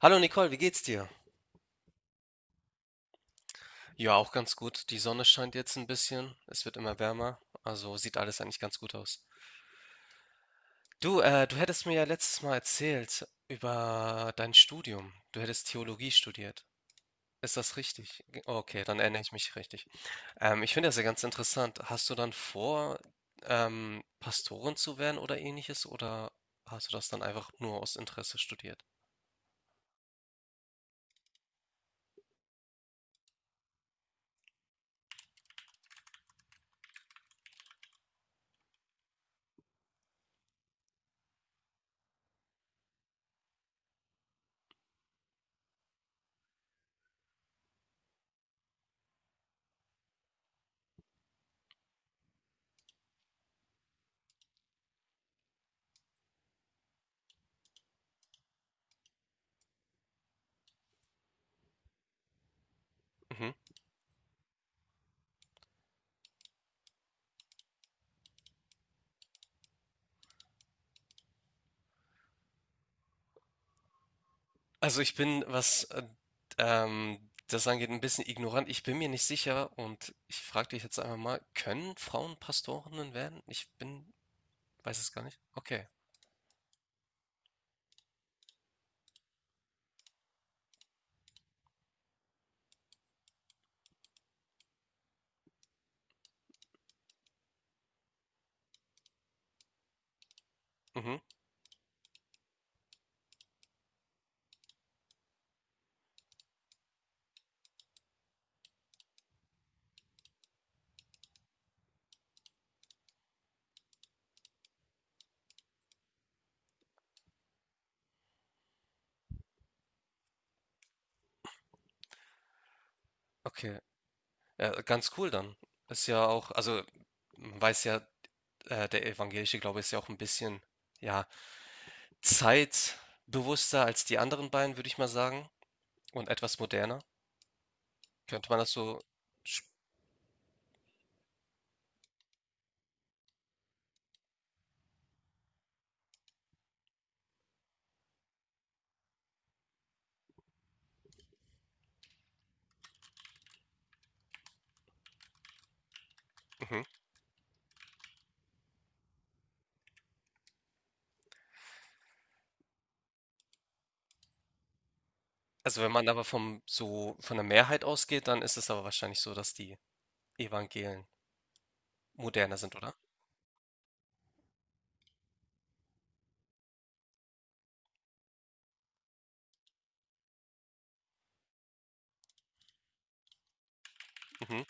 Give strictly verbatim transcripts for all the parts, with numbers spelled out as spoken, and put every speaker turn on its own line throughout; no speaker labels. Hallo Nicole, wie geht's dir? Ja, auch ganz gut. Die Sonne scheint jetzt ein bisschen. Es wird immer wärmer. Also sieht alles eigentlich ganz gut aus. Du, äh, du hättest mir ja letztes Mal erzählt über dein Studium. Du hättest Theologie studiert. Ist das richtig? Ge- Okay, dann erinnere ich mich richtig. Ähm, ich finde das ja ganz interessant. Hast du dann vor, ähm, Pastorin zu werden oder ähnliches? Oder hast du das dann einfach nur aus Interesse studiert? Mhm. Also ich bin, was äh, ähm, das angeht, ein bisschen ignorant. Ich bin mir nicht sicher und ich frage dich jetzt einfach mal, können Frauen Pastorinnen werden? Ich bin, weiß es gar nicht. Okay. Mhm. Okay. Ja, ganz cool dann. Ist ja auch, also man weiß ja, äh, der evangelische Glaube ist ja auch ein bisschen, ja, zeitbewusster als die anderen beiden, würde ich mal sagen, und etwas moderner. Könnte man das so sch mhm. Also, wenn man aber vom so von der Mehrheit ausgeht, dann ist es aber wahrscheinlich so, dass die Evangelien moderner sind, oder? Mhm.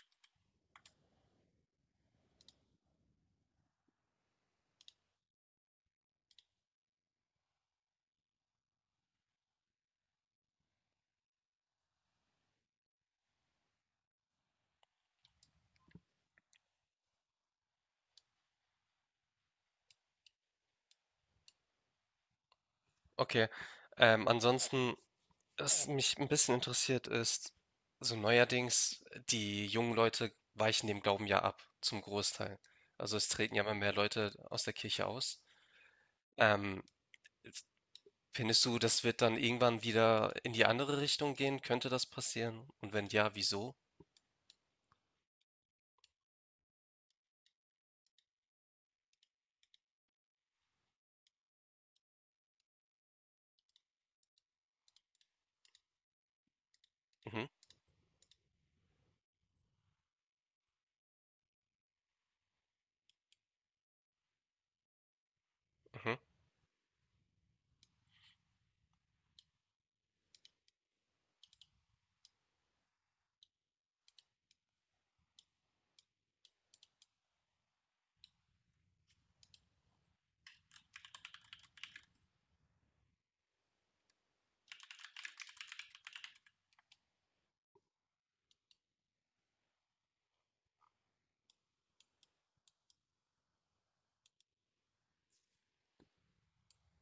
Okay. Ähm, ansonsten, was mich ein bisschen interessiert, ist so neuerdings, die jungen Leute weichen dem Glauben ja ab, zum Großteil. Also, es treten ja immer mehr Leute aus der Kirche aus. Ähm, Findest du, das wird dann irgendwann wieder in die andere Richtung gehen? Könnte das passieren? Und wenn ja, wieso? Mhm, mhm.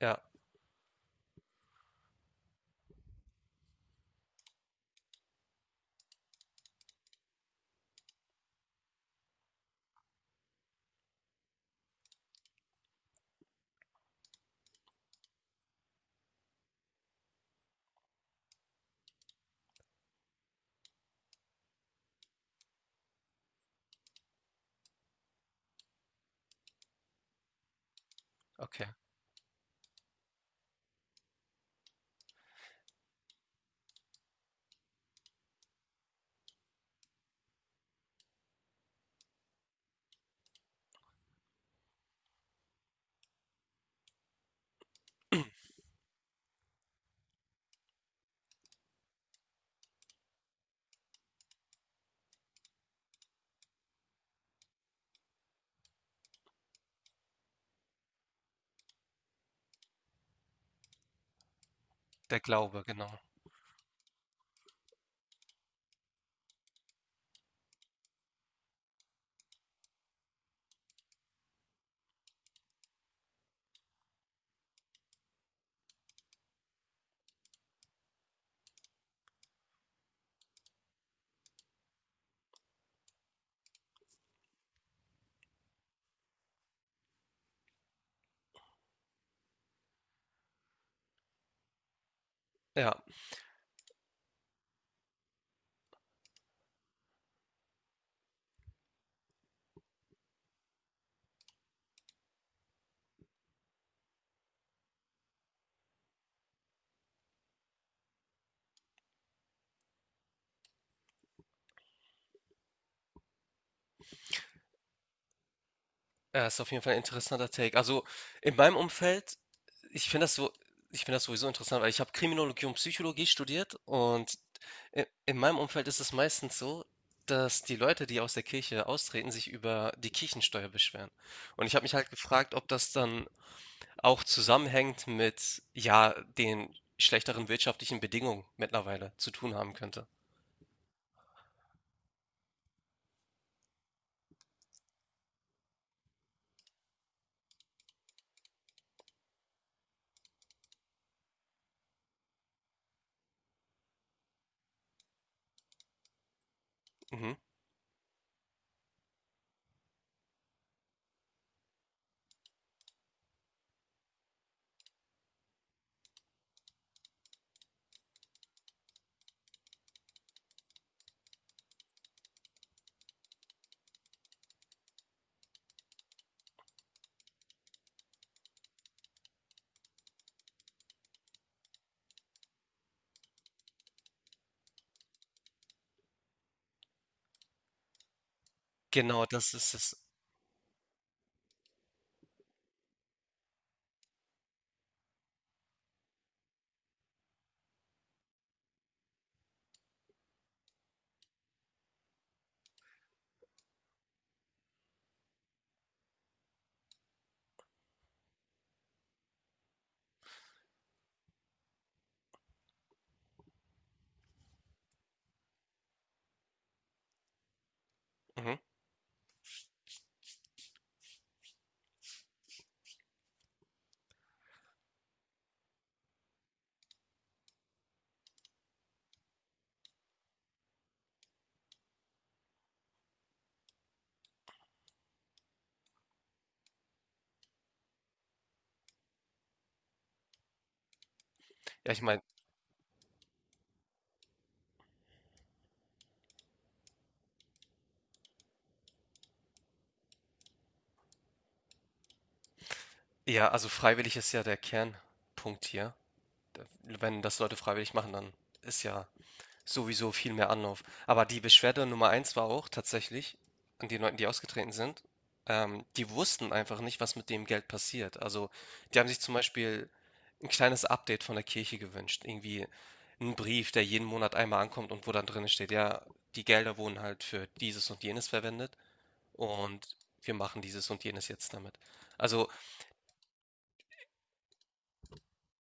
Ja, okay. Der Glaube, genau. Ja, ja, ist auf jeden Fall ein interessanter Take. Also in meinem Umfeld, ich finde das so, ich finde das sowieso interessant, weil ich habe Kriminologie und Psychologie studiert und i- in meinem Umfeld ist es meistens so, dass die Leute, die aus der Kirche austreten, sich über die Kirchensteuer beschweren. Und ich habe mich halt gefragt, ob das dann auch zusammenhängt mit, ja, den schlechteren wirtschaftlichen Bedingungen mittlerweile zu tun haben könnte. Mhm. Genau, das ist es. Mhm. Ja, ich meine, ja, also freiwillig ist ja der Kernpunkt hier. Da- Wenn das Leute freiwillig machen, dann ist ja sowieso viel mehr Anlauf. Aber die Beschwerde Nummer eins war auch tatsächlich an den Leuten, die ausgetreten sind. Ähm, die wussten einfach nicht, was mit dem Geld passiert. Also, die haben sich zum Beispiel ein kleines Update von der Kirche gewünscht. Irgendwie ein Brief, der jeden Monat einmal ankommt und wo dann drin steht, ja, die Gelder wurden halt für dieses und jenes verwendet und wir machen dieses und jenes jetzt damit. Also,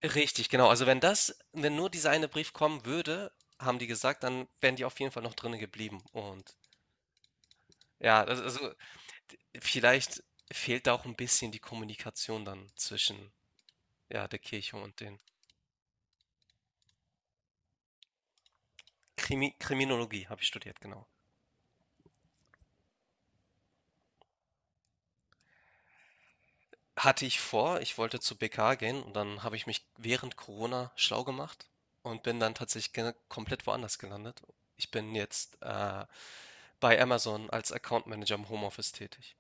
richtig, genau. Also, wenn das wenn nur dieser eine Brief kommen würde, haben die gesagt, dann wären die auf jeden Fall noch drinnen geblieben. Und ja, also also, d vielleicht fehlt da auch ein bisschen die Kommunikation dann zwischen, ja, der Kirche und den Krimi Kriminologie habe ich studiert, genau. Hatte ich vor, ich wollte zur B K gehen und dann habe ich mich während Corona schlau gemacht und bin dann tatsächlich ge komplett woanders gelandet. Ich bin jetzt, äh, bei Amazon als Account Manager im Homeoffice tätig.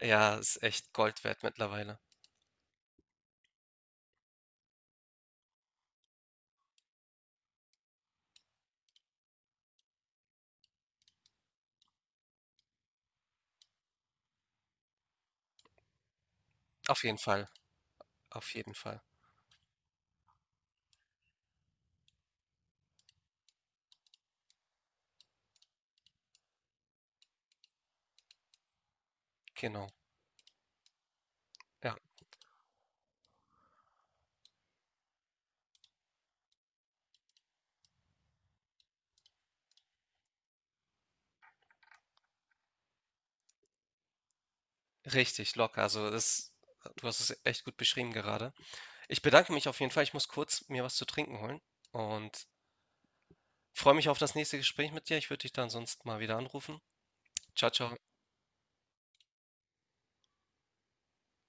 Ja, ist echt Gold wert mittlerweile. Auf jeden Fall, auf jeden Fall. Genau. Ja, richtig locker. Also das, du hast es echt gut beschrieben gerade. Ich bedanke mich auf jeden Fall. Ich muss kurz mir was zu trinken holen und freue mich auf das nächste Gespräch mit dir. Ich würde dich dann sonst mal wieder anrufen. Ciao, ciao.